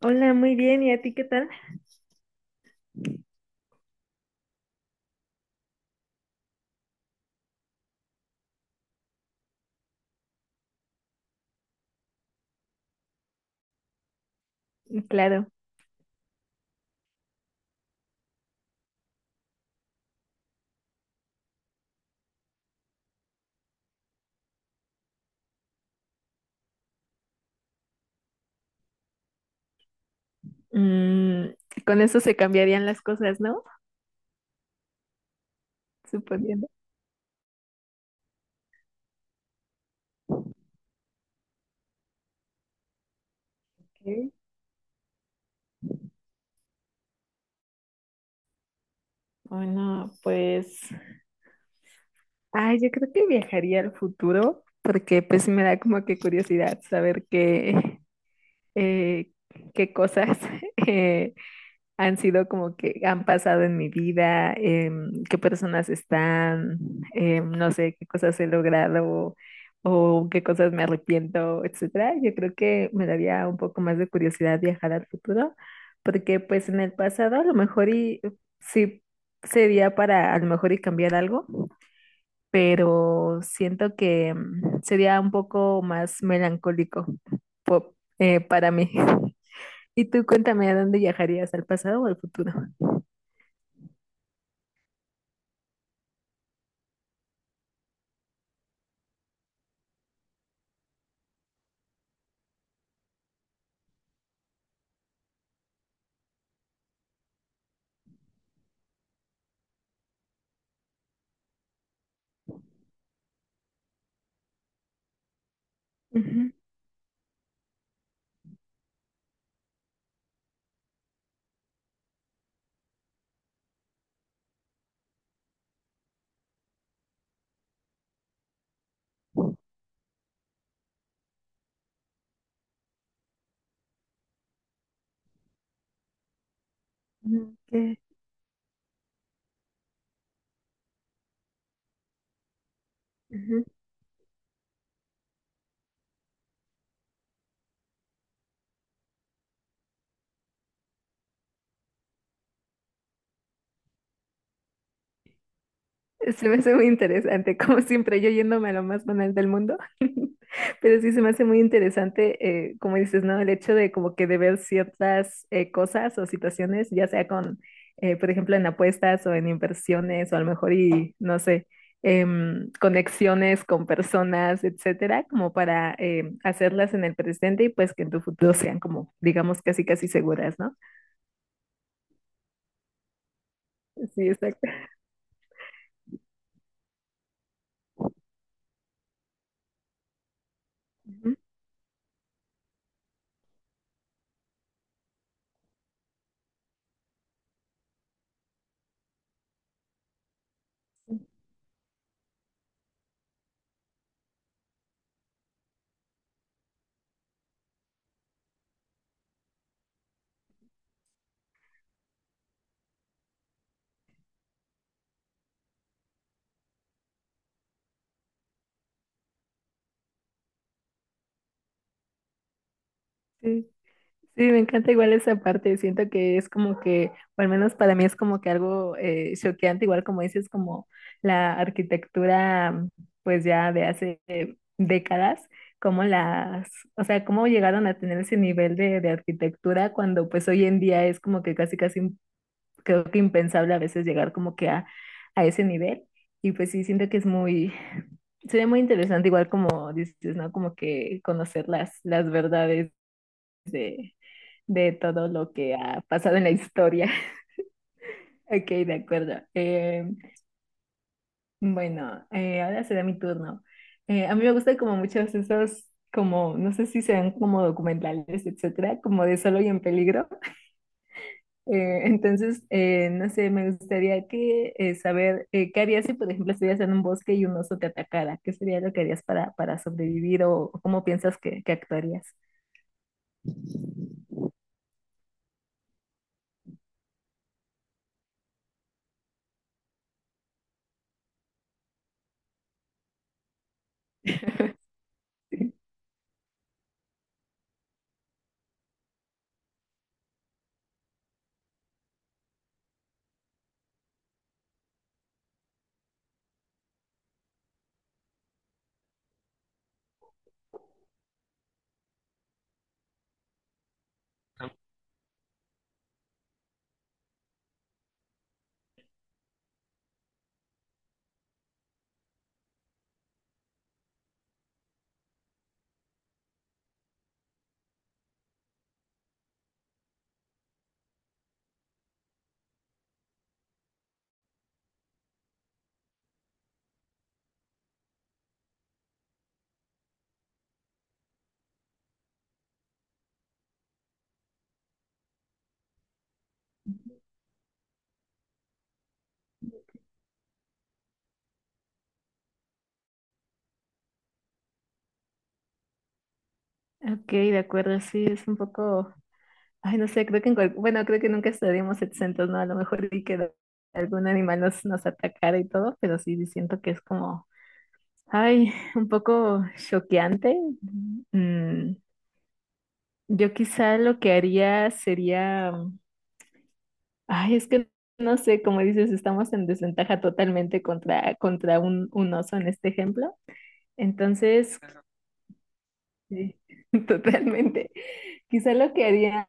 Hola, muy bien. ¿Y a ti qué tal? Mm, claro. Mm, con eso se cambiarían las cosas, ¿no? Suponiendo. que- Bueno, pues, ay, yo creo que viajaría al futuro porque pues sí me da como que curiosidad saber eh, qué cosas eh, han sido como que han pasado en mi vida, qué personas están, no sé, qué cosas he logrado o qué cosas me arrepiento, etcétera. Yo creo que me daría un poco más de curiosidad viajar al futuro, porque pues en el pasado a lo mejor y sí sería para a lo mejor y cambiar algo, pero siento que sería un poco más melancólico para mí. Y tú cuéntame, ¿a dónde viajarías, al pasado o al futuro? Ujú, ujú, ujú. Se me hace muy interesante, como siempre, yo yéndome a lo más banal del mundo, pero sí se me hace muy interesante, como dices, ¿no? El hecho de como que de ver ciertas cosas o situaciones, ya sea con, por ejemplo, en apuestas o en inversiones o a lo mejor y, no sé, conexiones con personas, etcétera, como para hacerlas en el presente y pues que en tu futuro sean como, digamos, casi casi seguras, ¿no? Sí, exacto. Ujú. Sí, sí, me encanta igual esa parte. Siento que es como que, o al menos para mí es como que algo choqueante, igual como dices, como la arquitectura, pues ya de hace décadas, como las, o sea, cómo llegaron a tener ese nivel de arquitectura cuando pues hoy en día es como que casi casi creo que impensable a veces llegar como que a ese nivel. Y pues sí, siento que es muy, sería muy interesante, igual como dices, ¿no? Como que conocer las verdades de, de todo lo que ha pasado en la historia. Ok, de acuerdo. Bueno, ahora será mi turno. A mí me gustan como muchos esos, como, no sé si sean como documentales, etcétera, como de Solo y en Peligro. Entonces, no sé, me gustaría que saber qué harías si, por ejemplo, estuvieras en un bosque y un oso te atacara. ¿Qué sería lo que harías para sobrevivir o, cómo piensas que actuarías? Sí. Ok, de acuerdo, sí, es un poco, ay, no sé, creo que bueno, creo que nunca estaríamos exentos, ¿no? A lo mejor y que algún animal nos atacara y todo, pero sí sí siento que es como, ay, un poco choqueante. Mm, yo quizá lo que haría sería. Ay, es que no sé, como dices, estamos en desventaja totalmente contra un oso en este ejemplo. Entonces, claro, sí, totalmente. Quizá lo que haría,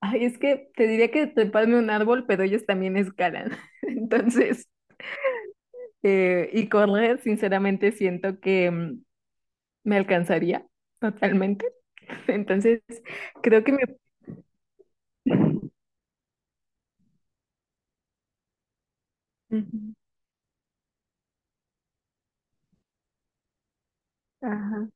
ay, es que te diría que treparme a un árbol, pero ellos también escalan. Entonces, y correr, sinceramente, siento que me alcanzaría totalmente. Entonces, creo que me... Ujú. Ajá.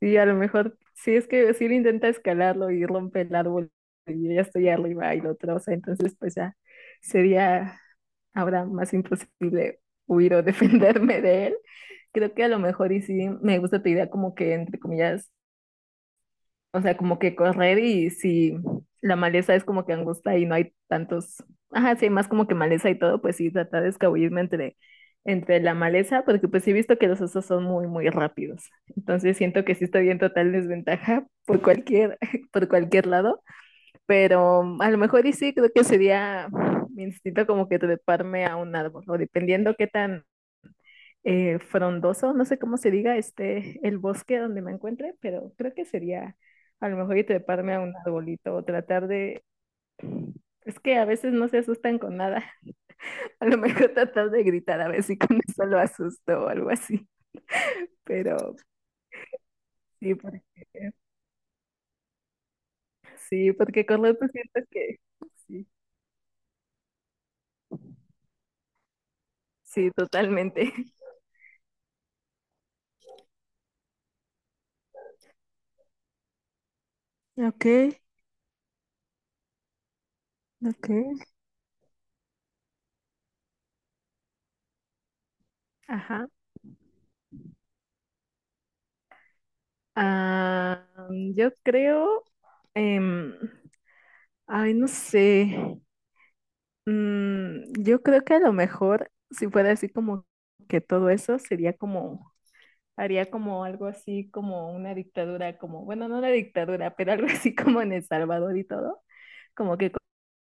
Sí, a lo mejor, sí es que si él intenta escalarlo y rompe el árbol y yo ya estoy arriba y lo troza, entonces pues ya sería ahora más imposible huir o defenderme de él. Creo que a lo mejor y sí me gusta tu idea como que entre comillas, o sea, como que correr y si la maleza es como que angusta y no hay tantos, ajá, sí, hay más como que maleza y todo, pues sí, tratar de escabullirme entre la maleza, porque pues sí he visto que los osos son muy, muy rápidos. Entonces siento que sí estoy en total desventaja por cualquier, por cualquier lado, pero a lo mejor y sí, creo que sería mi instinto como que treparme a un árbol, o dependiendo qué tan frondoso, no sé cómo se diga, este, el bosque donde me encuentre, pero creo que sería a lo mejor y treparme a un arbolito o tratar de, es que a veces no se asustan con nada, a lo mejor tratar de gritar a ver si con eso lo asusto o algo así, pero sí, porque, sí, porque correr pues siento que sí, sí, totalmente. Ok, ok. Ajá. Ah, yo creo, em, ay, no sé. Yo creo que a lo mejor, si fuera así como que todo eso, sería como, haría como algo así como una dictadura, como, bueno, no una dictadura, pero algo así como en El Salvador y todo, como que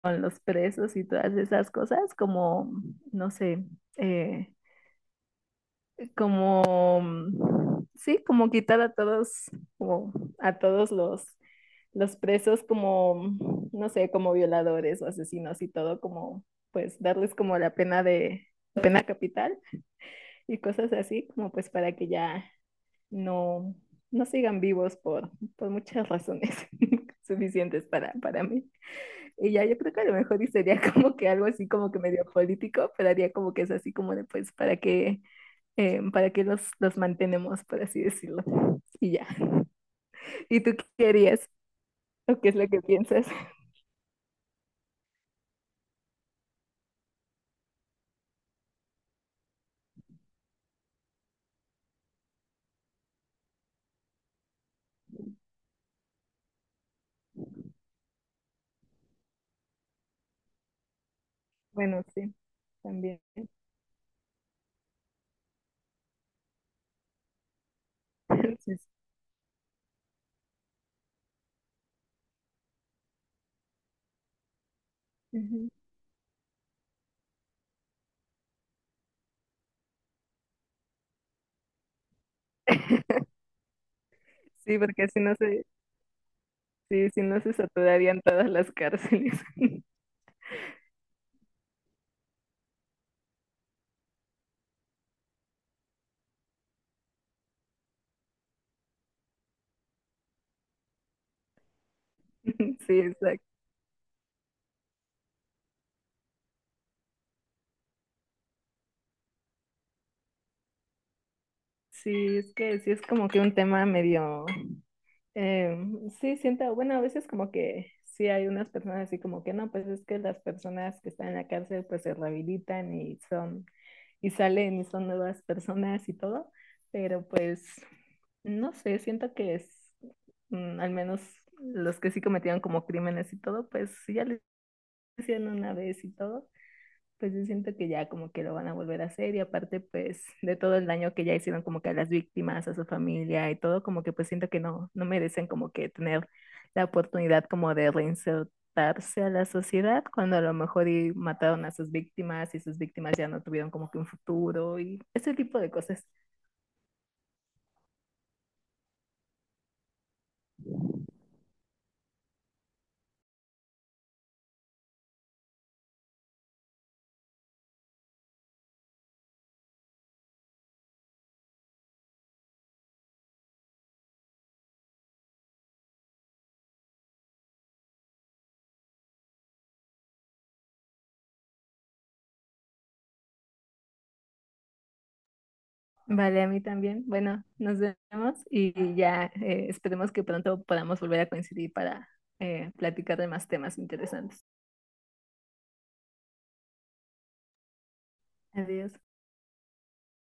con los presos y todas esas cosas, como, no sé, eh, como, sí, como quitar a todos, como a todos los presos como, no sé, como violadores o asesinos y todo, como pues darles como la pena de pena capital y cosas así, como pues para que ya no, no sigan vivos por muchas razones suficientes para mí. Y ya yo creo que a lo mejor y sería como que algo así como que medio político, pero haría como que es así como de pues para que los mantenemos, por así decirlo. Y ya. ¿Y tú qué harías? ¿O qué es lo que piensas? Bueno, sí, también. Sí, sí. Ujú. Sí, porque si no se, sí, si no se saturarían todas las cárceles. Sí, exacto. Sí, es que sí es como que un tema medio. Sí, siento, bueno, a veces como que sí hay unas personas así como que no, pues es que las personas que están en la cárcel pues se rehabilitan y y salen y son nuevas personas y todo, pero pues no sé, siento que es, al menos los que sí cometieron como crímenes y todo, pues sí ya lo hicieron una vez y todo, pues yo siento que ya como que lo van a volver a hacer y aparte pues de todo el daño que ya hicieron como que a las víctimas, a su familia y todo, como que pues siento que no, no merecen como que tener la oportunidad como de reinsertarse a la sociedad cuando a lo mejor y mataron a sus víctimas y sus víctimas ya no tuvieron como que un futuro y ese tipo de cosas. Vale, a mí también. Bueno, nos vemos y ya esperemos que pronto podamos volver a coincidir para platicar de más temas interesantes. Adiós.